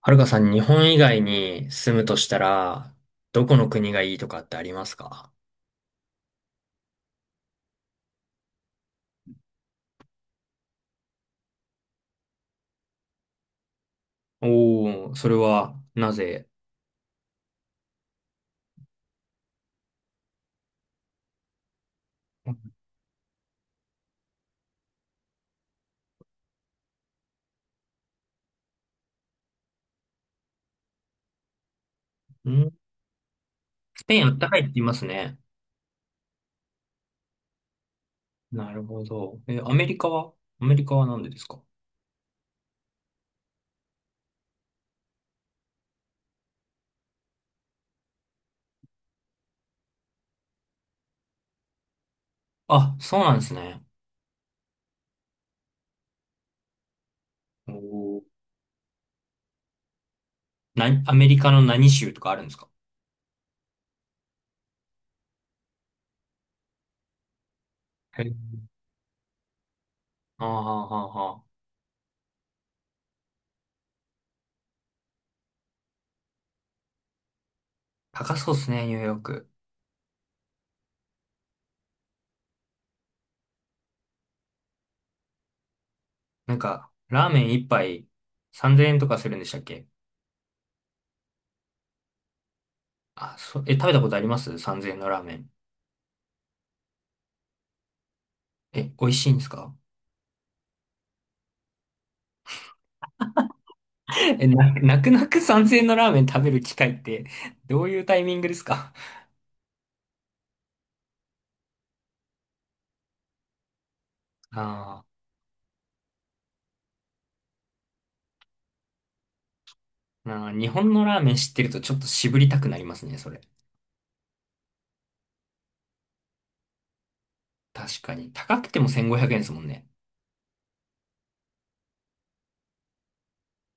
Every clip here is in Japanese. はるかさん、日本以外に住むとしたら、どこの国がいいとかってありますか？おー、それは、なぜ？んスペインあったかいって言いますね。なるほど。え、アメリカはなんでですか？あ、そうなんですね。おー。アメリカの何州とかあるんですか？へー、あーはーはーはー、高そうですね、ニューヨーク。なんか、ラーメン一杯3000円とかするんでしたっけ？あ、そ、え、食べたことあります？ 3000 円のラーメン。え、美味しいんですか？え、泣く泣く参円のラーメン食べる機会って、どういうタイミングですか？ ああ、日本のラーメン知ってるとちょっと渋りたくなりますね、それ。確かに。高くても1500円ですもんね。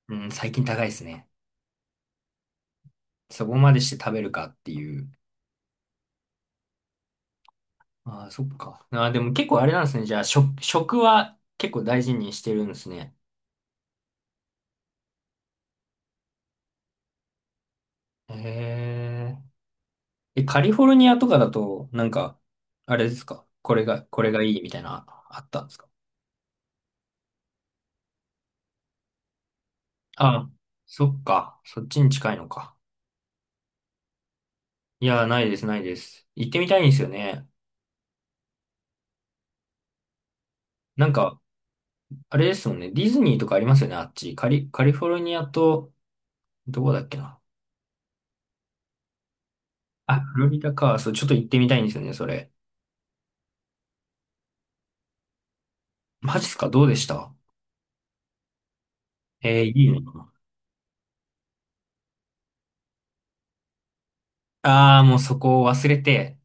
うん、最近高いですね。そこまでして食べるかっていう。ああ、そっか。ああ、でも結構あれなんですね。じゃあ、食は結構大事にしてるんですね。へえ。え、カリフォルニアとかだと、なんか、あれですか？これがいいみたいな、あったんですか？あ、そっか。そっちに近いのか。いや、ないです、ないです。行ってみたいんですよね。なんか、あれですもんね。ディズニーとかありますよね、あっち。カリフォルニアと、どこだっけな。あ、フロリダか。そう、ちょっと行ってみたいんですよね、それ。マジっすか？どうでした？えー、いいの？ああー、もうそこを忘れて、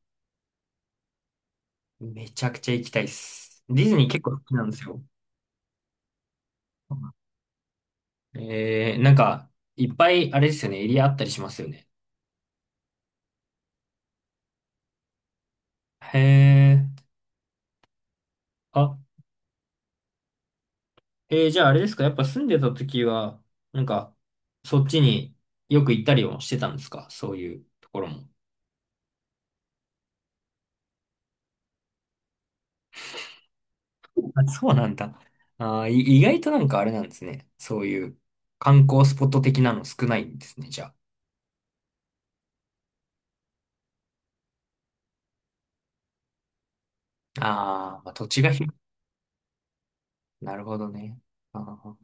めちゃくちゃ行きたいっす。ディズニー結構好きなんですよ。えー、なんか、いっぱい、あれですよね、エリアあったりしますよね。へえ。あ、えー、じゃああれですか、やっぱ住んでた時は、なんか、そっちによく行ったりもしてたんですか？そういうところも。あ、そうなんだ。あー、意外となんかあれなんですね。そういう観光スポット的なの少ないんですね、じゃあ。あー、まあ、土地が広い。なるほどね。あー、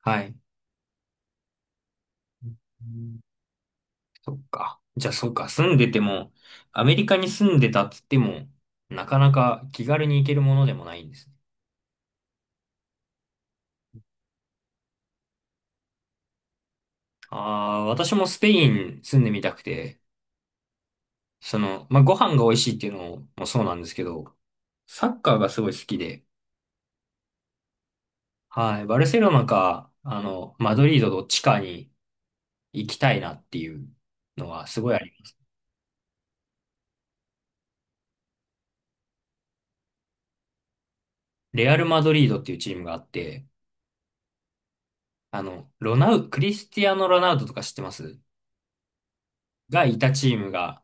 はい。うん、そっか。じゃあ、そうか。住んでても、アメリカに住んでたっつっても、なかなか気軽に行けるものでもないんですね。ああ、私もスペイン住んでみたくて、その、まあ、ご飯が美味しいっていうのもそうなんですけど、サッカーがすごい好きで、はい、バルセロナか、あの、マドリードどっちかに行きたいなっていうのはすごいあります。レアル・マドリードっていうチームがあって、あの、ロナウ、クリスティアーノ・ロナウドとか知ってます？がいたチームが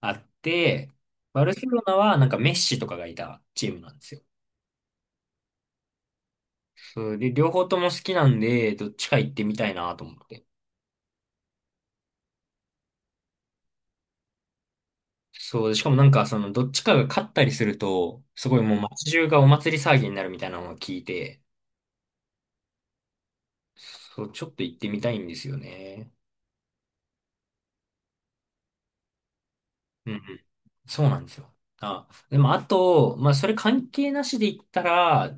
あって、バルセロナはなんかメッシとかがいたチームなんですよ。そうで、両方とも好きなんで、どっちか行ってみたいなと思って。そう、しかもなんか、その、どっちかが勝ったりすると、すごいもう街中がお祭り騒ぎになるみたいなのを聞いて、そう、ちょっと行ってみたいんですよね。うんうん。そうなんですよ。あ、でもあと、まあ、それ関係なしで言ったら、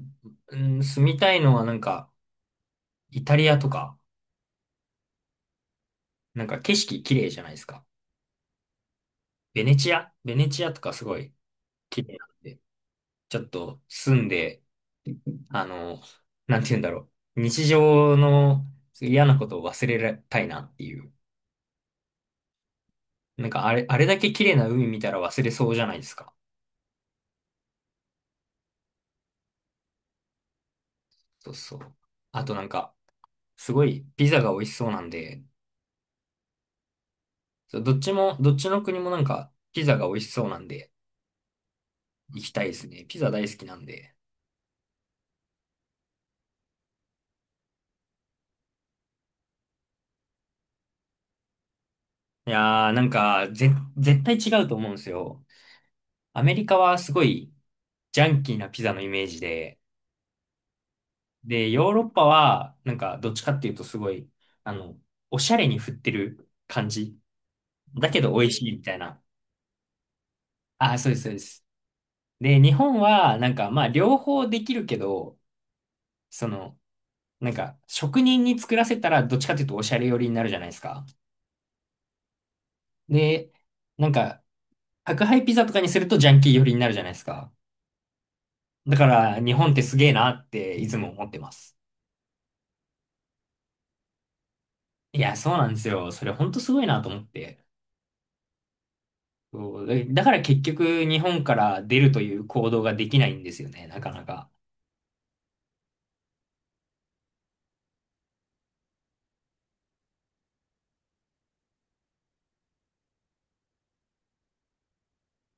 うん、住みたいのはなんか、イタリアとか、なんか景色綺麗じゃないですか。ベネチアとかすごい綺麗なんで、ちょっと住んで、あの、なんて言うんだろう。日常の嫌なことを忘れたいなっていう。なんかあれ、あれだけ綺麗な海見たら忘れそうじゃないですか。そうそう。あとなんか、すごいピザが美味しそうなんで、そうどっちも、どっちの国もなんかピザが美味しそうなんで、行きたいですね。ピザ大好きなんで。いやー、なんか、絶対違うと思うんですよ。アメリカはすごいジャンキーなピザのイメージで、で、ヨーロッパはなんかどっちかっていうとすごい、あの、おしゃれに振ってる感じ。だけど美味しいみたいな。ああ、そうです、そうです。で、日本は、なんか、まあ、両方できるけど、その、なんか、職人に作らせたら、どっちかというと、おしゃれ寄りになるじゃないですか。で、なんか、宅配ピザとかにすると、ジャンキー寄りになるじゃないですか。だから、日本ってすげえなって、いつも思ってます。いや、そうなんですよ。それ、ほんとすごいなと思って。そうだだから結局、日本から出るという行動ができないんですよね、なかなか。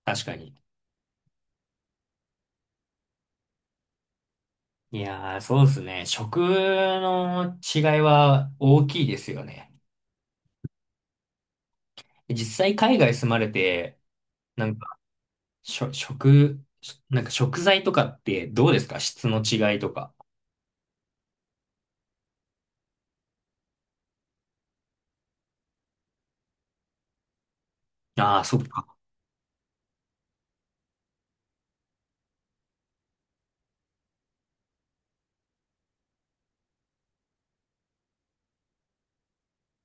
確かに。いやー、そうですね。食の違いは大きいですよね。実際海外住まれて、なんか、しょ、食、なんか食材とかってどうですか？質の違いとか。ああ、そっか。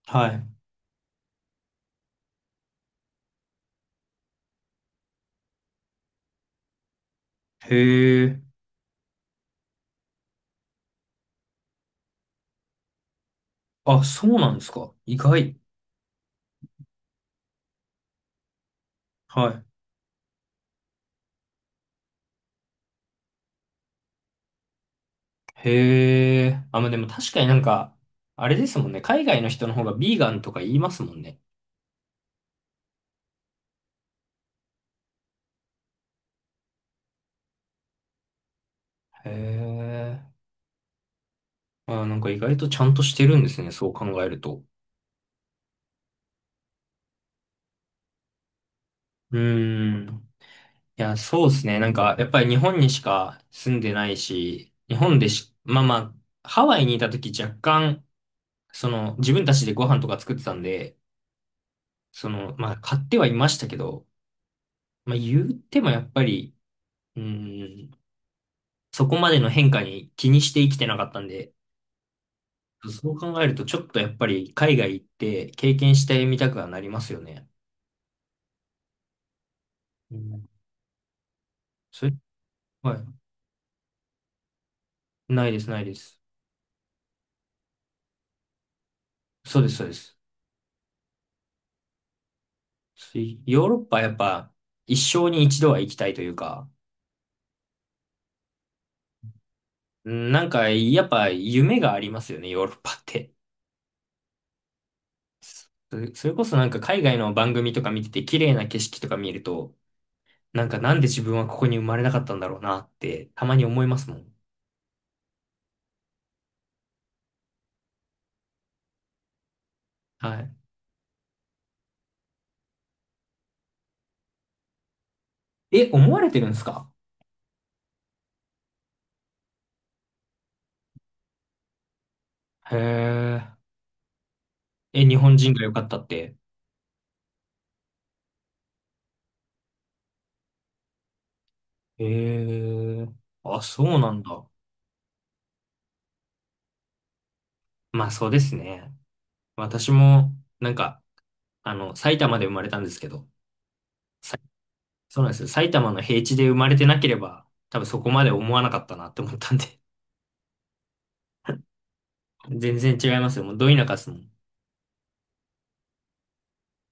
はい。へえ。あ、そうなんですか。意外。はい。へえ。あ、まあ、でも確かになんか、あれですもんね。海外の人の方がビーガンとか言いますもんね。へえ。あ、なんか意外とちゃんとしてるんですね。そう考えると。うーん。いや、そうですね。なんか、やっぱり日本にしか住んでないし、日本でし、まあまあ、ハワイにいた時若干、その、自分たちでご飯とか作ってたんで、その、まあ、買ってはいましたけど、まあ、言ってもやっぱり、うーん、そこまでの変化に気にして生きてなかったんで、そう考えると、ちょっとやっぱり海外行って経験してみたくはなりますよね。うん、それ、はい。ないです、ないです。そうです、そうです。ヨーロッパはやっぱ一生に一度は行きたいというか、うん、なんかやっぱ夢がありますよね、ヨーロッパって。そそれこそなんか海外の番組とか見てて綺麗な景色とか見ると、なんかなんで自分はここに生まれなかったんだろうなってたまに思いますもん。はい。え、思われてるんですか？へえ。え、日本人が良かったって。へえ。あ、そうなんだ。まあそうですね。私もなんか、あの、埼玉で生まれたんですけど、そうなんですよ。埼玉の平地で生まれてなければ、多分そこまで思わなかったなって思ったんで。全然違いますよ。もうど田舎っすもん。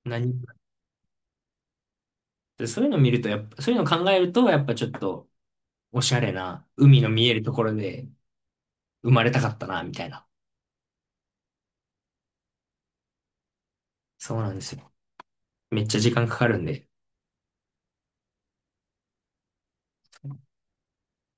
何もてそういうの見ると、やっぱ、そういうの考えると、やっぱちょっと、おしゃれな、海の見えるところで生まれたかったな、みたいな。そうなんですよ。めっちゃ時間かかるんで。